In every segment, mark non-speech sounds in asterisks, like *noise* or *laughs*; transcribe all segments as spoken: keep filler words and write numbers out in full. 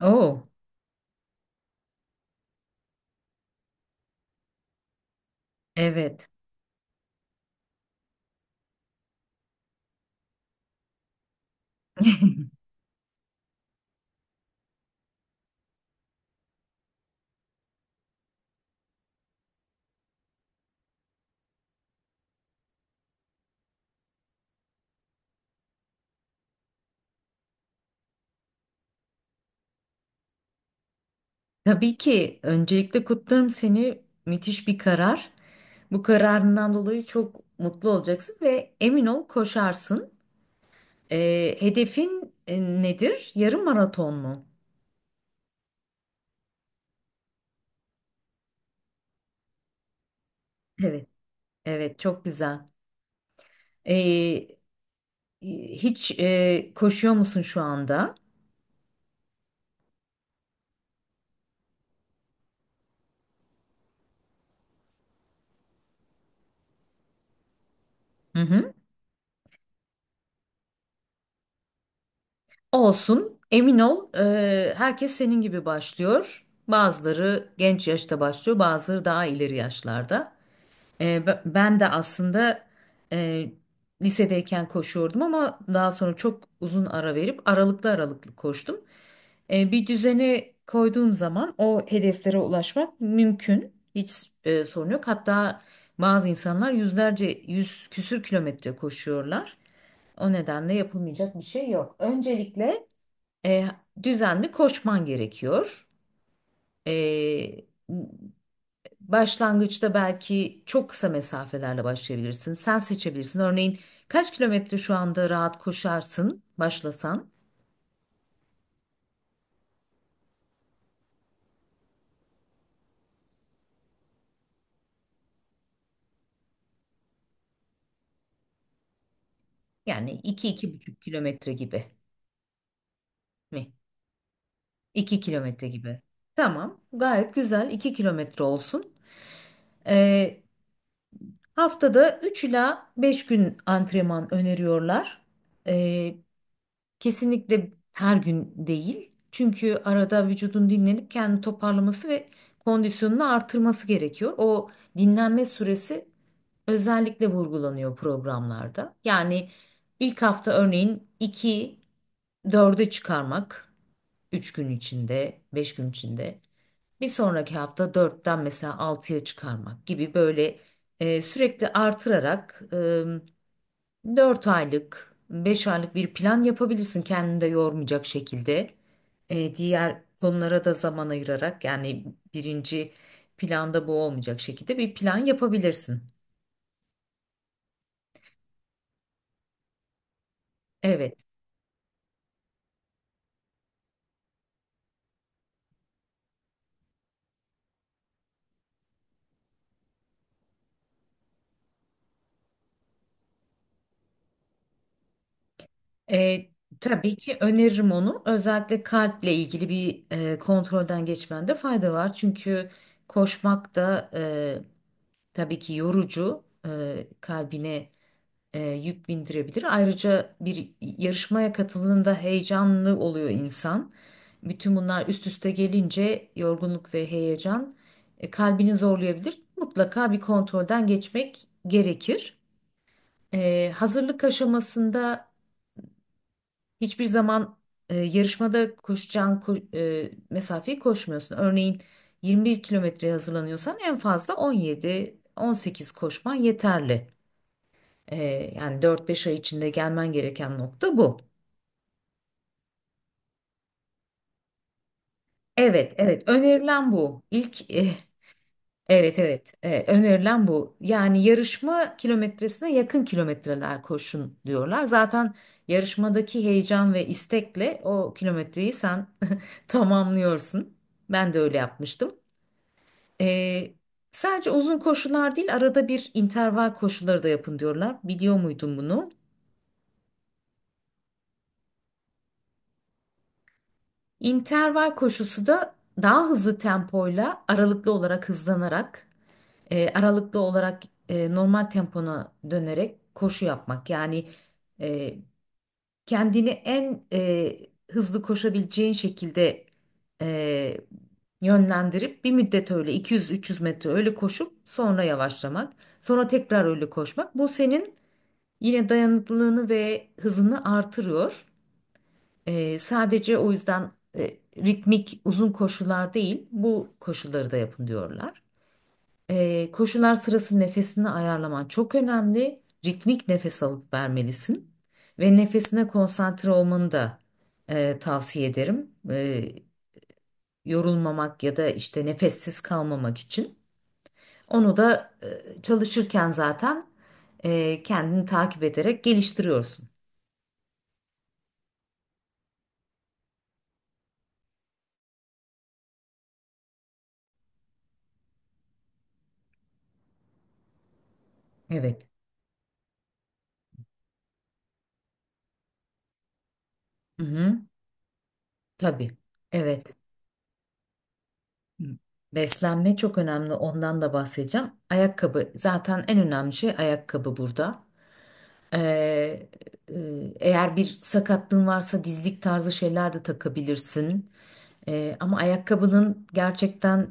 Oo, evet. *laughs* Tabii ki öncelikle kutlarım seni. Müthiş bir karar. Bu kararından dolayı çok mutlu olacaksın ve emin ol koşarsın. Ee, hedefin e, nedir? Yarım maraton mu? Evet. Evet, çok güzel. Ee, Hiç e, koşuyor musun şu anda? Hı hı. Olsun. Emin ol, e, herkes senin gibi başlıyor. Bazıları genç yaşta başlıyor, bazıları daha ileri yaşlarda. E, b- ben de aslında e, lisedeyken koşuyordum ama daha sonra çok uzun ara verip aralıklı aralıklı koştum. E, bir düzeni koyduğun zaman o hedeflere ulaşmak mümkün. Hiç e, sorun yok. Hatta bazı insanlar yüzlerce, yüz küsür kilometre koşuyorlar. O nedenle yapılmayacak bir şey yok. Öncelikle e, düzenli koşman gerekiyor. E, Başlangıçta belki çok kısa mesafelerle başlayabilirsin. Sen seçebilirsin. Örneğin kaç kilometre şu anda rahat koşarsın başlasan? Yani iki iki buçuk kilometre gibi mi? iki kilometre gibi. Tamam, gayet güzel. İki kilometre olsun. Ee, Haftada üç ila beş gün antrenman öneriyorlar. Ee, Kesinlikle her gün değil. Çünkü arada vücudun dinlenip kendini toparlaması ve kondisyonunu artırması gerekiyor. O dinlenme süresi özellikle vurgulanıyor programlarda. Yani ilk hafta örneğin iki dörde çıkarmak üç gün içinde, beş gün içinde. Bir sonraki hafta dörtten mesela altıya çıkarmak gibi böyle e, sürekli artırarak dört aylık, beş aylık bir plan yapabilirsin kendini de yormayacak şekilde. Ee, diğer konulara da zaman ayırarak yani birinci planda bu olmayacak şekilde bir plan yapabilirsin. Evet. Ee, tabii ki öneririm onu. Özellikle kalple ilgili bir e, kontrolden geçmende fayda var. Çünkü koşmak da e, tabii ki yorucu. E, kalbine e, yük bindirebilir. Ayrıca bir yarışmaya katıldığında heyecanlı oluyor insan. Bütün bunlar üst üste gelince yorgunluk ve heyecan e, kalbini zorlayabilir. Mutlaka bir kontrolden geçmek gerekir. E, hazırlık aşamasında hiçbir zaman e, yarışmada koşacağın ko- e, mesafeyi koşmuyorsun. Örneğin yirmi bir kilometreye hazırlanıyorsan en fazla on yedi on sekiz koşman yeterli. Ee, yani dört beş ay içinde gelmen gereken nokta bu. Evet, evet. Önerilen bu. İlk eh, evet, evet. Eh, önerilen bu. Yani yarışma kilometresine yakın kilometreler koşun diyorlar. Zaten yarışmadaki heyecan ve istekle o kilometreyi sen *laughs* tamamlıyorsun. Ben de öyle yapmıştım. Ee, Sadece uzun koşular değil, arada bir interval koşuları da yapın diyorlar. Biliyor muydun bunu? İnterval koşusu da daha hızlı tempoyla aralıklı olarak hızlanarak, e, aralıklı olarak e, normal tempona dönerek koşu yapmak. Yani e, kendini en e, hızlı koşabileceğin şekilde e, yönlendirip bir müddet öyle iki yüz üç yüz metre öyle koşup sonra yavaşlamak, sonra tekrar öyle koşmak. Bu senin yine dayanıklılığını ve hızını artırıyor. Ee, sadece o yüzden e, ritmik uzun koşular değil, bu koşuları da yapın diyorlar. Ee, koşular sırası nefesini ayarlaman çok önemli. Ritmik nefes alıp vermelisin ve nefesine konsantre olmanı da e, tavsiye ederim. Ee, yorulmamak ya da işte nefessiz kalmamak için. Onu da e, çalışırken zaten e, kendini takip ederek geliştiriyorsun. Evet. Hı hı. Tabii. Evet. Hı. Beslenme çok önemli. Ondan da bahsedeceğim. Ayakkabı zaten en önemli şey ayakkabı burada. Ee, e, Eğer bir sakatlığın varsa dizlik tarzı şeyler de takabilirsin. Ee, ama ayakkabının gerçekten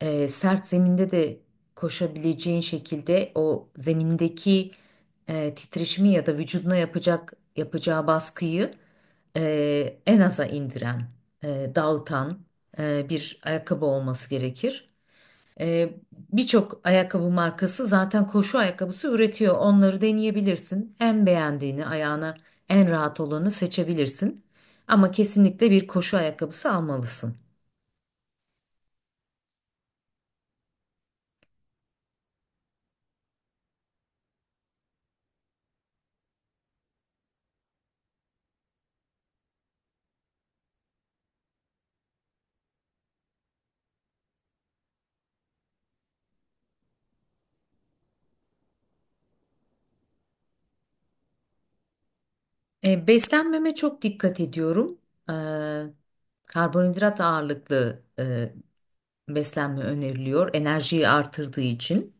e, sert zeminde de koşabileceğin şekilde o zemindeki e, titreşimi ya da vücuduna yapacak yapacağı baskıyı e, en aza indiren, e, dağıtan e, bir ayakkabı olması gerekir. Ee, birçok ayakkabı markası zaten koşu ayakkabısı üretiyor. Onları deneyebilirsin. En beğendiğini, ayağına en rahat olanı seçebilirsin. Ama kesinlikle bir koşu ayakkabısı almalısın. Ee, beslenmeme çok dikkat ediyorum. Ee, Karbonhidrat ağırlıklı e, beslenme öneriliyor. Enerjiyi artırdığı için.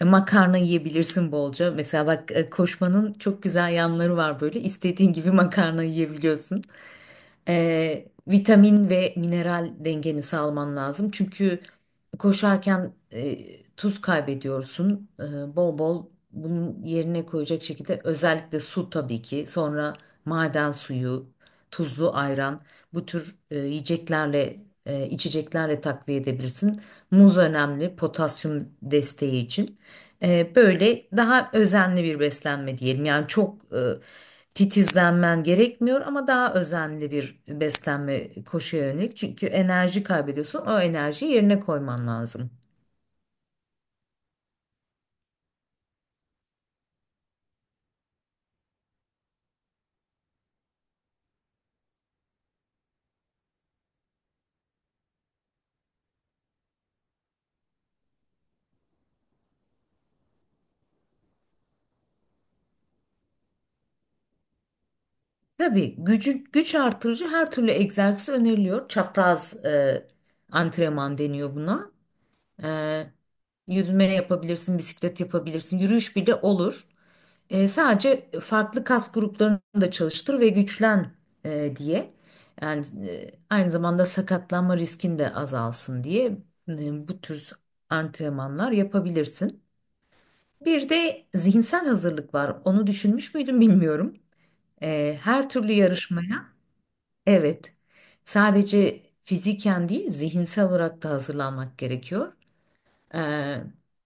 E, Makarna yiyebilirsin bolca. Mesela bak, e, koşmanın çok güzel yanları var böyle. İstediğin gibi *laughs* makarna yiyebiliyorsun. Ee, vitamin ve mineral dengeni sağlaman lazım. Çünkü koşarken e, tuz kaybediyorsun. Ee, bol bol bunun yerine koyacak şekilde özellikle su tabii ki. Sonra maden suyu, tuzlu ayran bu tür e, yiyeceklerle e, içeceklerle takviye edebilirsin. Muz önemli potasyum desteği için. Ee, böyle daha özenli bir beslenme diyelim. Yani çok titizlenmen gerekmiyor ama daha özenli bir beslenme koşuya yönelik. Çünkü enerji kaybediyorsun. O enerjiyi yerine koyman lazım. Tabii gücü, güç artırıcı her türlü egzersiz öneriliyor. Çapraz e, antrenman deniyor buna. E, Yüzme yapabilirsin, bisiklet yapabilirsin, yürüyüş bile olur. E, sadece farklı kas gruplarını da çalıştır ve güçlen e, diye. Yani e, aynı zamanda sakatlanma riskin de azalsın diye e, bu tür antrenmanlar yapabilirsin. Bir de zihinsel hazırlık var. Onu düşünmüş müydün bilmiyorum. E, her türlü yarışmaya evet, sadece fiziken değil zihinsel olarak da hazırlanmak gerekiyor. Ee,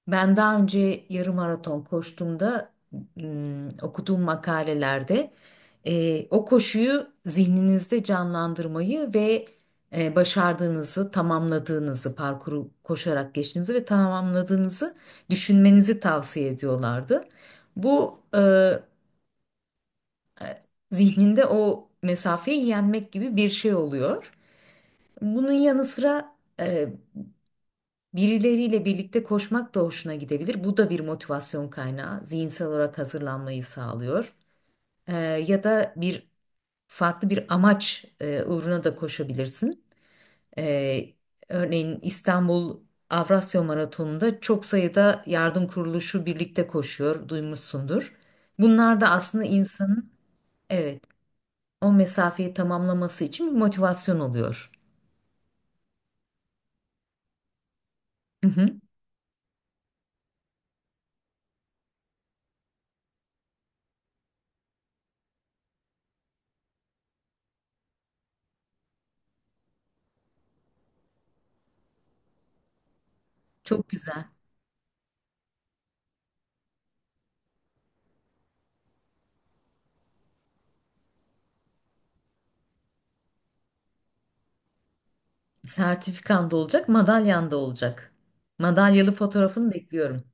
Ben daha önce yarım maraton koştuğumda ım, okuduğum makalelerde e, o koşuyu zihninizde canlandırmayı ve e, başardığınızı, tamamladığınızı, parkuru koşarak geçtiğinizi ve tamamladığınızı düşünmenizi tavsiye ediyorlardı. Bu e, zihninde o mesafeyi yenmek gibi bir şey oluyor. Bunun yanı sıra birileriyle birlikte koşmak da hoşuna gidebilir. Bu da bir motivasyon kaynağı. Zihinsel olarak hazırlanmayı sağlıyor. Ee, Ya da bir farklı bir amaç e, uğruna da koşabilirsin. Ee, Örneğin İstanbul Avrasya Maratonu'nda çok sayıda yardım kuruluşu birlikte koşuyor, duymuşsundur. Bunlar da aslında insanın evet, o mesafeyi tamamlaması için bir motivasyon oluyor. Hı hı, çok güzel. Sertifikan da olacak, madalyan da olacak. Madalyalı fotoğrafını bekliyorum.